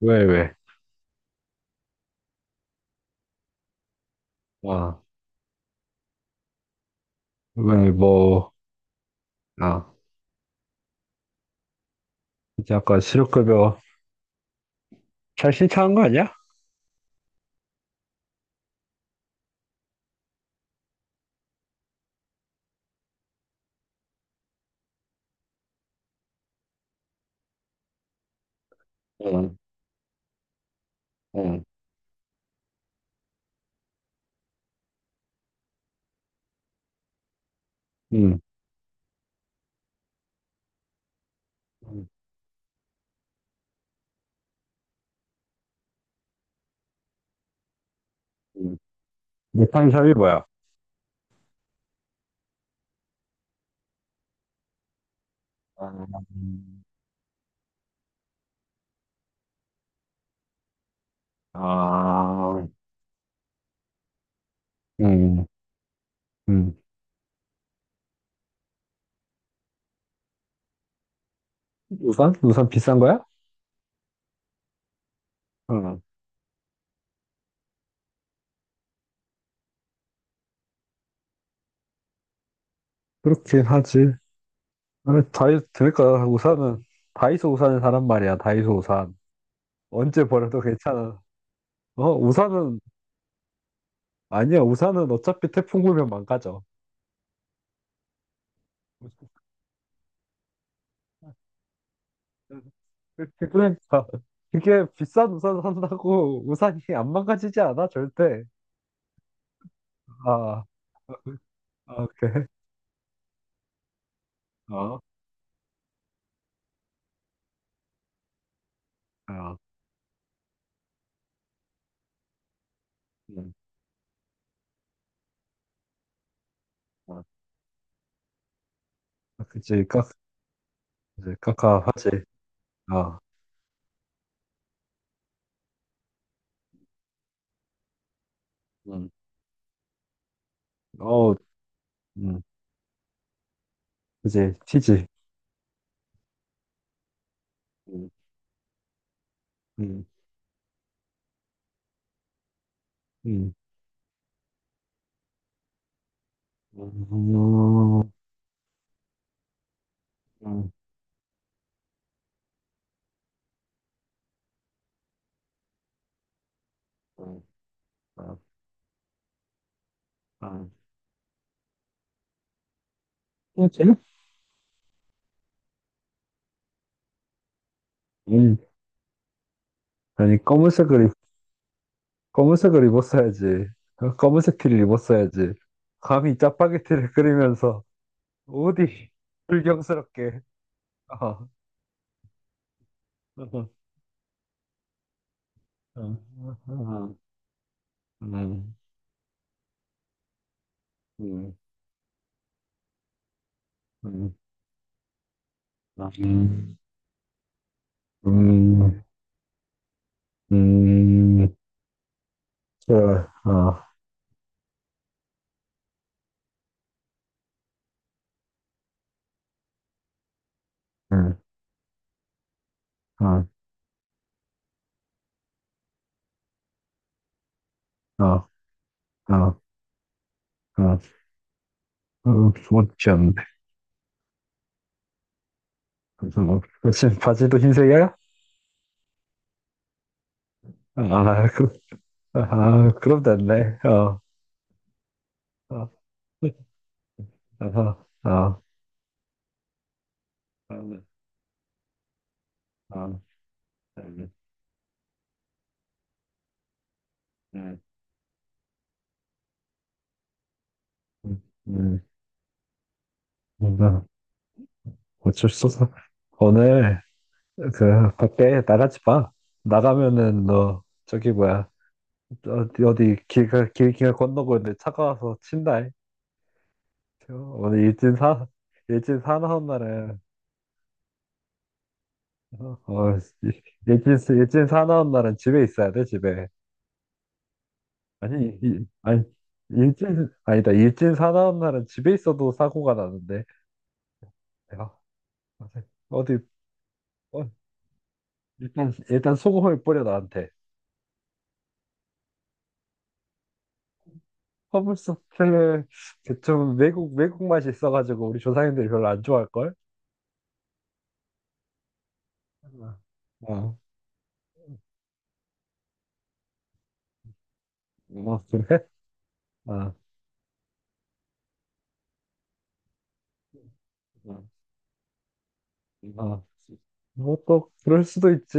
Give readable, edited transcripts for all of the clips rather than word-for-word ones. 왜, 왜? 아, 왜, 뭐, 아, 이제 아까 실업급여 잘 신청한 거 아니야? 응, 응, 응. 응, 응. 못한 사람이 뭐야? 아, 음. 아, 응, 응. 우산? 우산 비싼 거야? 응, 그렇긴 하지. 아니, 다이, 그러니까 우산은, 다이소 우산을 사란 말이야, 다이소 우산. 언제 버려도 괜찮아. 어, 우산은, 아니야, 우산은 어차피 태풍 불면 망가져. 그러니까 그게 비싼 우산 산다고 우산이 안 망가지지 않아 절대. 아, 아 그래? 어, 아, 음, 아, 아, 그치, 까, 그치, 까까하지. 아, 음, 어, 음, 그치, 튀지. 음, 음, 음, 음, 음, 음, 아, 아. 뭐지? 음, 아니 검은색을 입- 검은색을 입었어야지. 어, 검은색 티를 입었어야지. 감히 짜파게티를 끓이면서. 어디 불경스럽게. 어. 어, 어, 어, 음, 음, 음, 아, 음, 음, 저, 어, 음, 어, 어, 어, 어, 어, 못지 않네. 무슨 무슨 바지도 흰색이야? 아, 그, 아, 그럼 됐네. 어, 어, 어, 어, 어, 어, 음, 음, 음, 음, 어쩔 수 없어. 오늘 그 밖에 나가지 마. 나가면은 너 저기 뭐야 어디 어디 길가 길가 건너고 있는데 차가 와서 친다. 이. 저 오늘 일진 사 일진 사나운 날은 어, 어, 일진 사나운 날은 집에 있어야 돼 집에. 아니 일진 아니다 일진 사나운 날은 집에 있어도 사고가 나는데. 야, 어디 어, 일단 소금을 뿌려 나한테. 허블소스는 좀 외국 맛이 있어가지고 우리 조상님들이 별로 안 좋아할걸? 어, 어 어, 그래? 어, 어. 뭐또 그럴 수도 있지.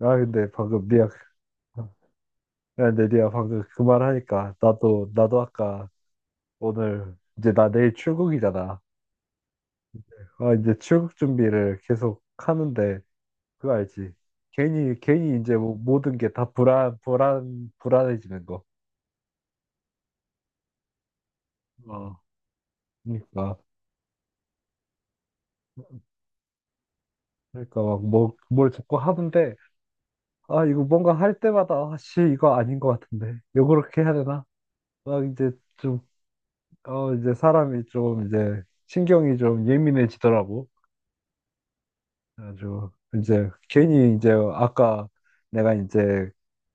아 근데 방금 미야 야 근데 리야 방금 그 말 하니까 나도 아까 오늘 이제 나 내일 출국이잖아. 아 이제 출국 준비를 계속 하는데 그거 알지? 괜히 괜히 이제 뭐 모든 게 다 불안 불안 불안해지는 거. 어. 그러니까. 그러니까 막 뭐, 뭘 자꾸 하는데 아 이거 뭔가 할 때마다 아씨 이거 아닌 것 같은데 요 그렇게 해야 되나? 막 이제 좀 어 이제 사람이 좀 이제 신경이 좀 예민해지더라고. 아주 이제 괜히 이제 아까 내가 이제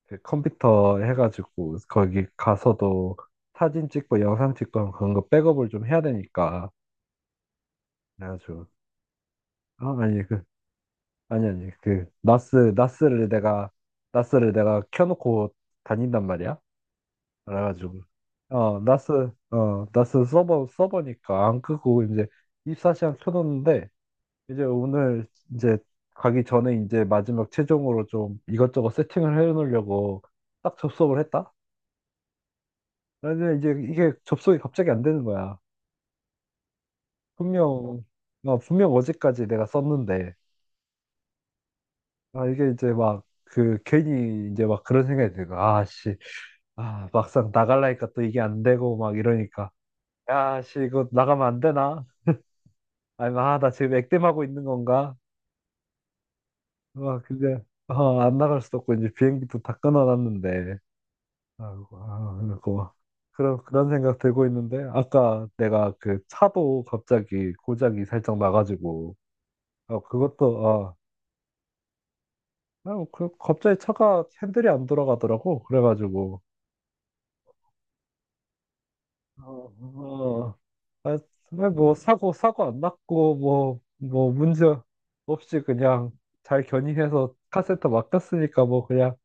그 컴퓨터 해가지고 거기 가서도 사진 찍고 영상 찍고 하면 그런 거 백업을 좀 해야 되니까 그래가지고 아 아니 그 아니 아니 그 나스 나스를 내가 켜놓고 다닌단 말이야. 그래가지고 어 나스 어 나스 서버 서버니까 안 끄고 이제 2사시간 켜놓는데 이제 오늘 이제 가기 전에 이제 마지막 최종으로 좀 이것저것 세팅을 해놓으려고 딱 접속을 했다. 근데 이제 이게 접속이 갑자기 안 되는 거야. 분명 어, 분명 어제까지 내가 썼는데 아 이게 이제 막 그 괜히 이제 막 그런 생각이 들고 아씨 아 막상 나갈라니까 또 이게 안 되고 막 이러니까 야씨 이거 나가면 안 되나? 아니, 아, 나 지금 액땜하고 있는 건가? 막, 근데, 어, 안 나갈 수도 없고, 이제 비행기도 다 끊어놨는데. 아이고, 아, 그리고, 그런 생각 들고 있는데, 아까 내가 그 차도 갑자기 고장이 살짝 나가지고, 아, 그것도, 아, 아, 뭐 그, 갑자기 차가 핸들이 안 돌아가더라고. 그래가지고, 어, 어, 아, 정말 뭐, 사고 안 났고, 뭐, 뭐, 문제 없이 그냥 잘 견인해서 카센터 맡겼으니까 뭐, 그냥,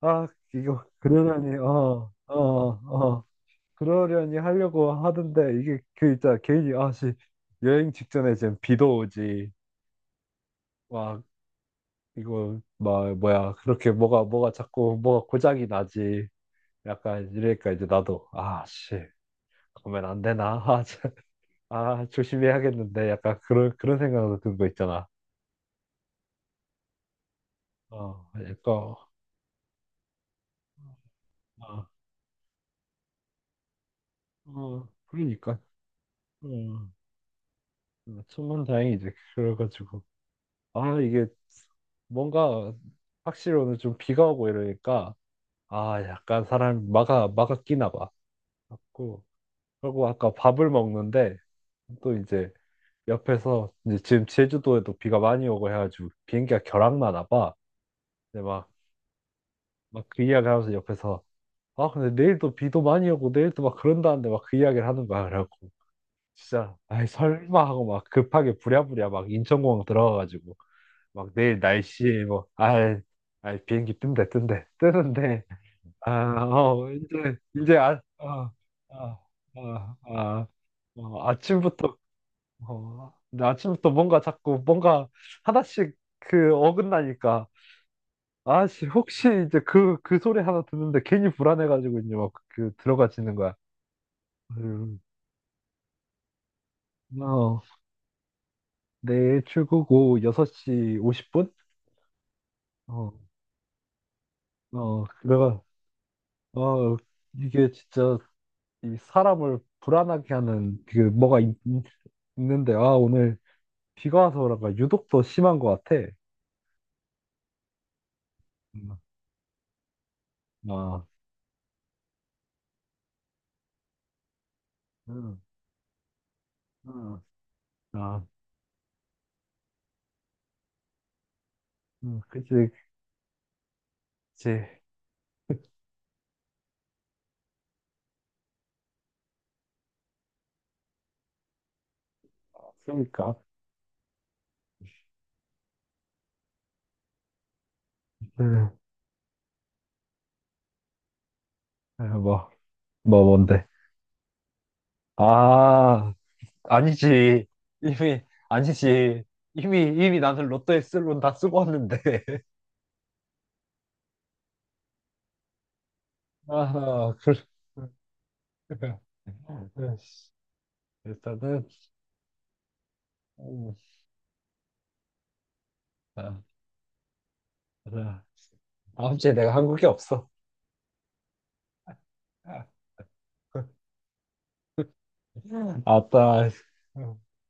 아, 이거 그러려니 어, 어, 어. 그러려니 하려고 하던데 이게 그 있잖아. 괜히 아씨 여행 직전에 지금 비도 오지. 와, 이거 막 뭐야. 그렇게 뭐가 뭐가 자꾸 뭐가 고장이 나지. 약간 이러니까 이제 나도 아씨 그러면 안 되나? 아, 참. 아, 조심해야겠는데 약간 그런 생각도 든 거 있잖아. 어, 약간 어, 어, 그러니까. 어, 천만 다행이지. 그래가지고. 아, 이게 뭔가 확실히 오늘 좀 비가 오고 이러니까 아, 약간 사람 마가 끼나 봐. 갖고 그리고 아까 밥을 먹는데 또 이제 옆에서 이제 지금 제주도에도 비가 많이 오고 해가지고 비행기가 결항나나 봐. 근데 막 막 그 이야기 하면서 옆에서 아 근데 내일도 비도 많이 오고 내일도 막 그런다는데 막 그 이야기를 하는 거야. 그래갖고 진짜 아이 설마 하고 막 급하게 부랴부랴 막 인천공항 들어가가지고 막 내일 날씨 뭐, 아, 아 비행기 뜬대 뜨는데 아, 어, 이제 아, 어 아, 아, 아, 어, 아침부터 어, 근데 아침부터 뭔가 자꾸 뭔가 하나씩 그 어긋나니까 아씨 혹시 이제 그 소리 하나 듣는데 괜히 불안해가지고 이제 막그 들어가지는 거야. 음, 어, 내일 출국 오후 6시 50분? 어, 어, 그래가 어 이게 진짜 이 사람을 불안하게 하는 그 뭐가 있, 는데아 오늘 비가 와서 그런가 유독 더 심한 것 같아. 음, 아, 음, 음, 아, 그치, 그치. 그러니까. 음, 뭐, 뭐 뭔데? 아, 아니지. 이미 아니지. 이미 나는 로또에 쓸 돈 다 쓰고 왔는데. 아, 그. 일단은 음, 아, 아, 다음 주에 내가 한국에 없어. 아따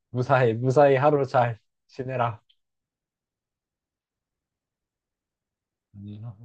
무사히 하루 잘 지내라. 아니요.